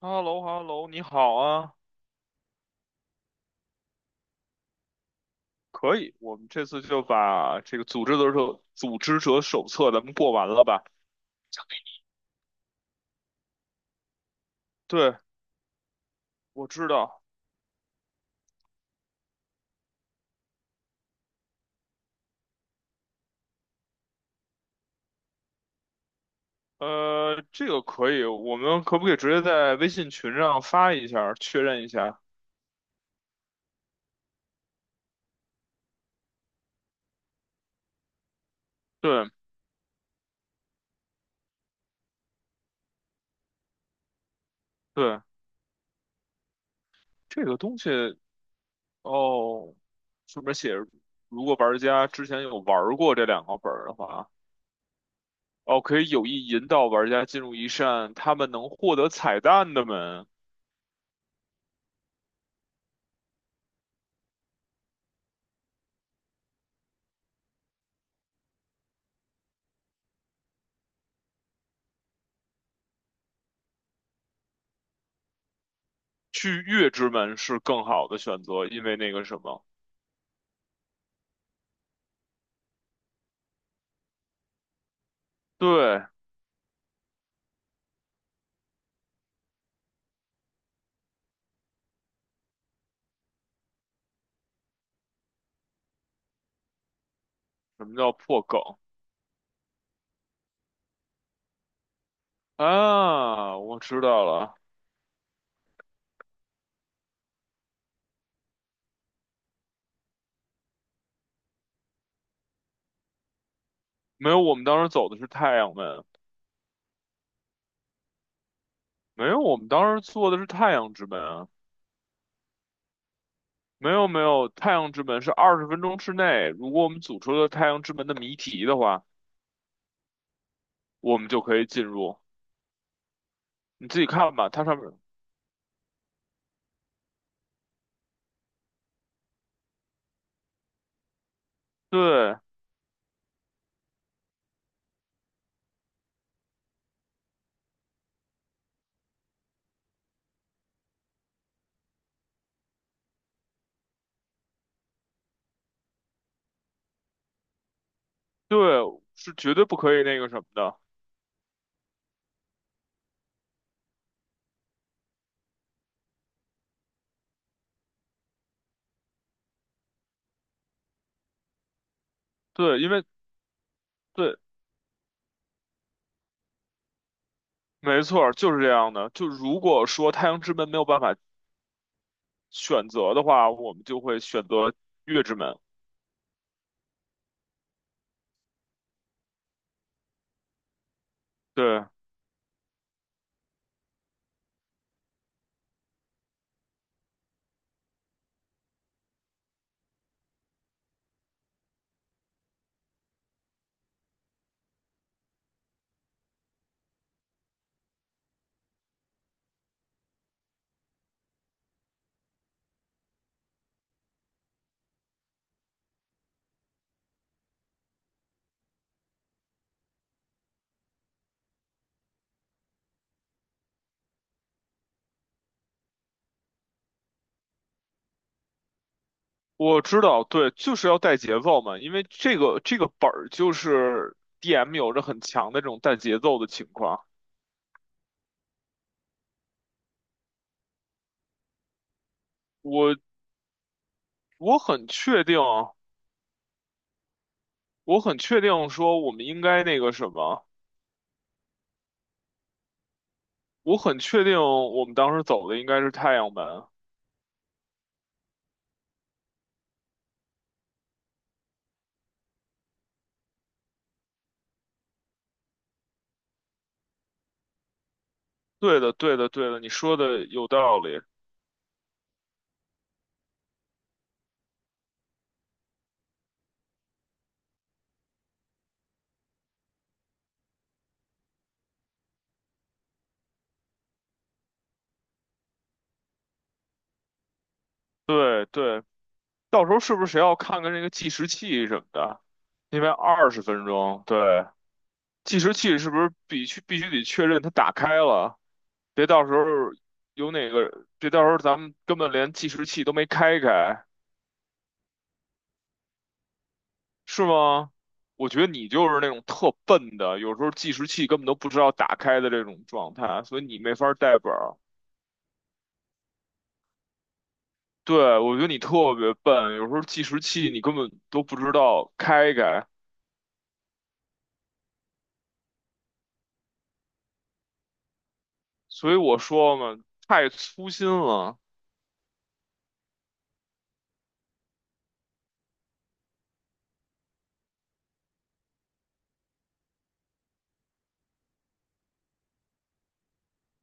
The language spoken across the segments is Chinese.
哈喽哈喽，你好啊。可以，我们这次就把这个组织者手册咱们过完了吧？对，我知道。这个可以，我们可不可以直接在微信群上发一下，确认一下？对对，这个东西哦，上面写着如果玩家之前有玩过这两个本儿的话，哦，可以有意引导玩家进入一扇他们能获得彩蛋的门。去月之门是更好的选择，因为那个什么，对。什么叫破梗啊？我知道了。没有，我们当时走的是太阳门。没有，我们当时坐的是太阳之门啊。没有没有，太阳之门是二十分钟之内，如果我们组出了太阳之门的谜题的话，我们就可以进入。你自己看吧，它上面，对对，是绝对不可以那个什么的，对，因为对。没错，就是这样的。就如果说太阳之门没有办法选择的话，我们就会选择月之门。对，我知道，对，就是要带节奏嘛，因为这个本儿就是 DM 有着很强的这种带节奏的情况。我我很确定，我很确定说我们应该那个什么，我很确定我们当时走的应该是太阳门。对的，对的，对的，你说的有道理。对对，到时候是不是谁要看看那个计时器什么的？因为二十分钟，对。计时器是不是必须得确认它打开了？别到时候有哪个，别到时候咱们根本连计时器都没开开。是吗？我觉得你就是那种特笨的，有时候计时器根本都不知道打开的这种状态，所以你没法带本儿。对，我觉得你特别笨，有时候计时器你根本都不知道开开，所以我说嘛，太粗心了。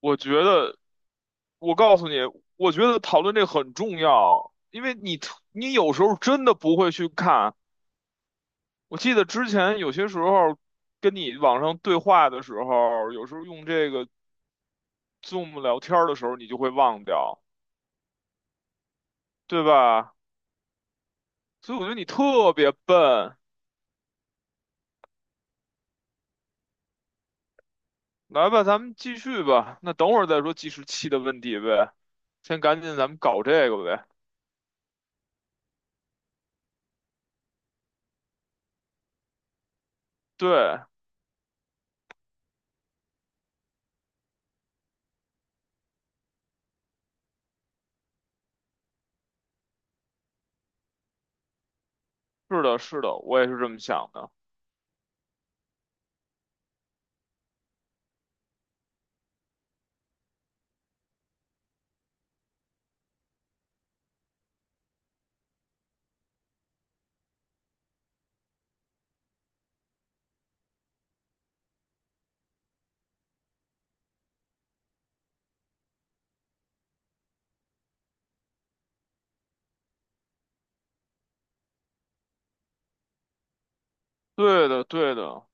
我觉得我告诉你，我觉得讨论这很重要，因为你有时候真的不会去看。我记得之前有些时候跟你网上对话的时候，有时候用这个 Zoom 聊天儿的时候，你就会忘掉，对吧？所以我觉得你特别笨。来吧，咱们继续吧。那等会儿再说计时器的问题呗，先赶紧咱们搞这个呗。对，是的，是的，我也是这么想的。对的，对的。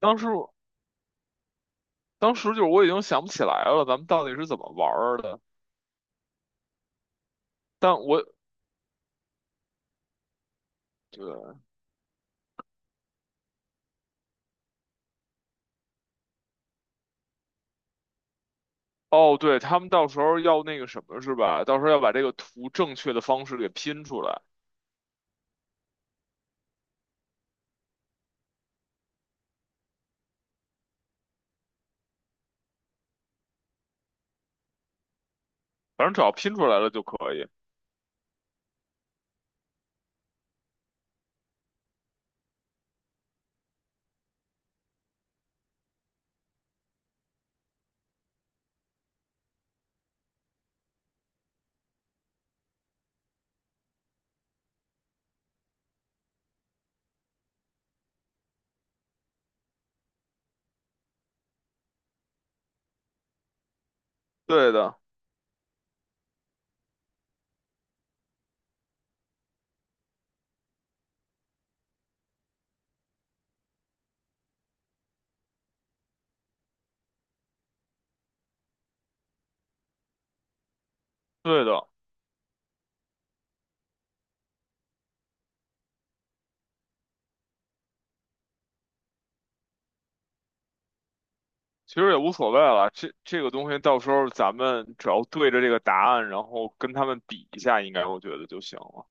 当时当时就是我已经想不起来了，咱们到底是怎么玩儿的？但我对，哦，对，他们到时候要那个什么是吧？到时候要把这个图正确的方式给拼出来，反正只要拼出来了就可以。对的，对的，其实也无所谓了。这个东西到时候咱们只要对着这个答案，然后跟他们比一下，应该我觉得就行了。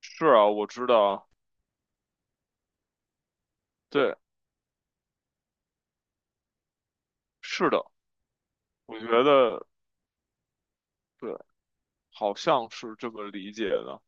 是啊，我知道，对，是的，我觉得对，好像是这么理解的。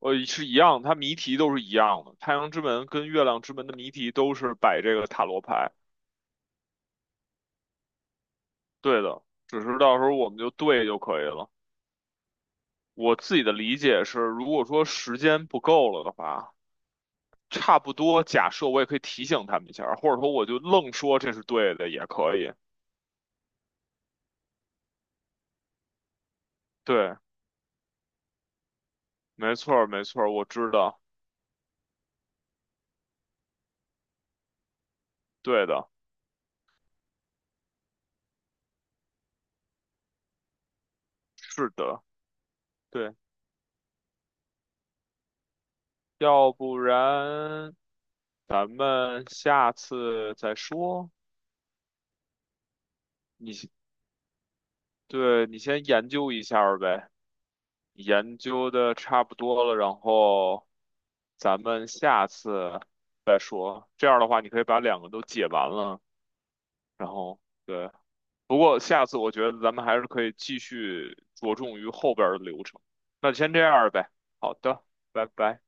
是一样，它谜题都是一样的。太阳之门跟月亮之门的谜题都是摆这个塔罗牌，对的，只是到时候我们就对就可以了。我自己的理解是，如果说时间不够了的话，差不多假设我也可以提醒他们一下，或者说我就愣说这是对的也可以。对，没错儿，没错儿，我知道，对的，是的，对，要不然咱们下次再说。你先对，你先研究一下儿呗。研究的差不多了，然后咱们下次再说。这样的话，你可以把两个都解完了，然后对。不过下次我觉得咱们还是可以继续着重于后边儿的流程。那就先这样儿呗。好的，拜拜。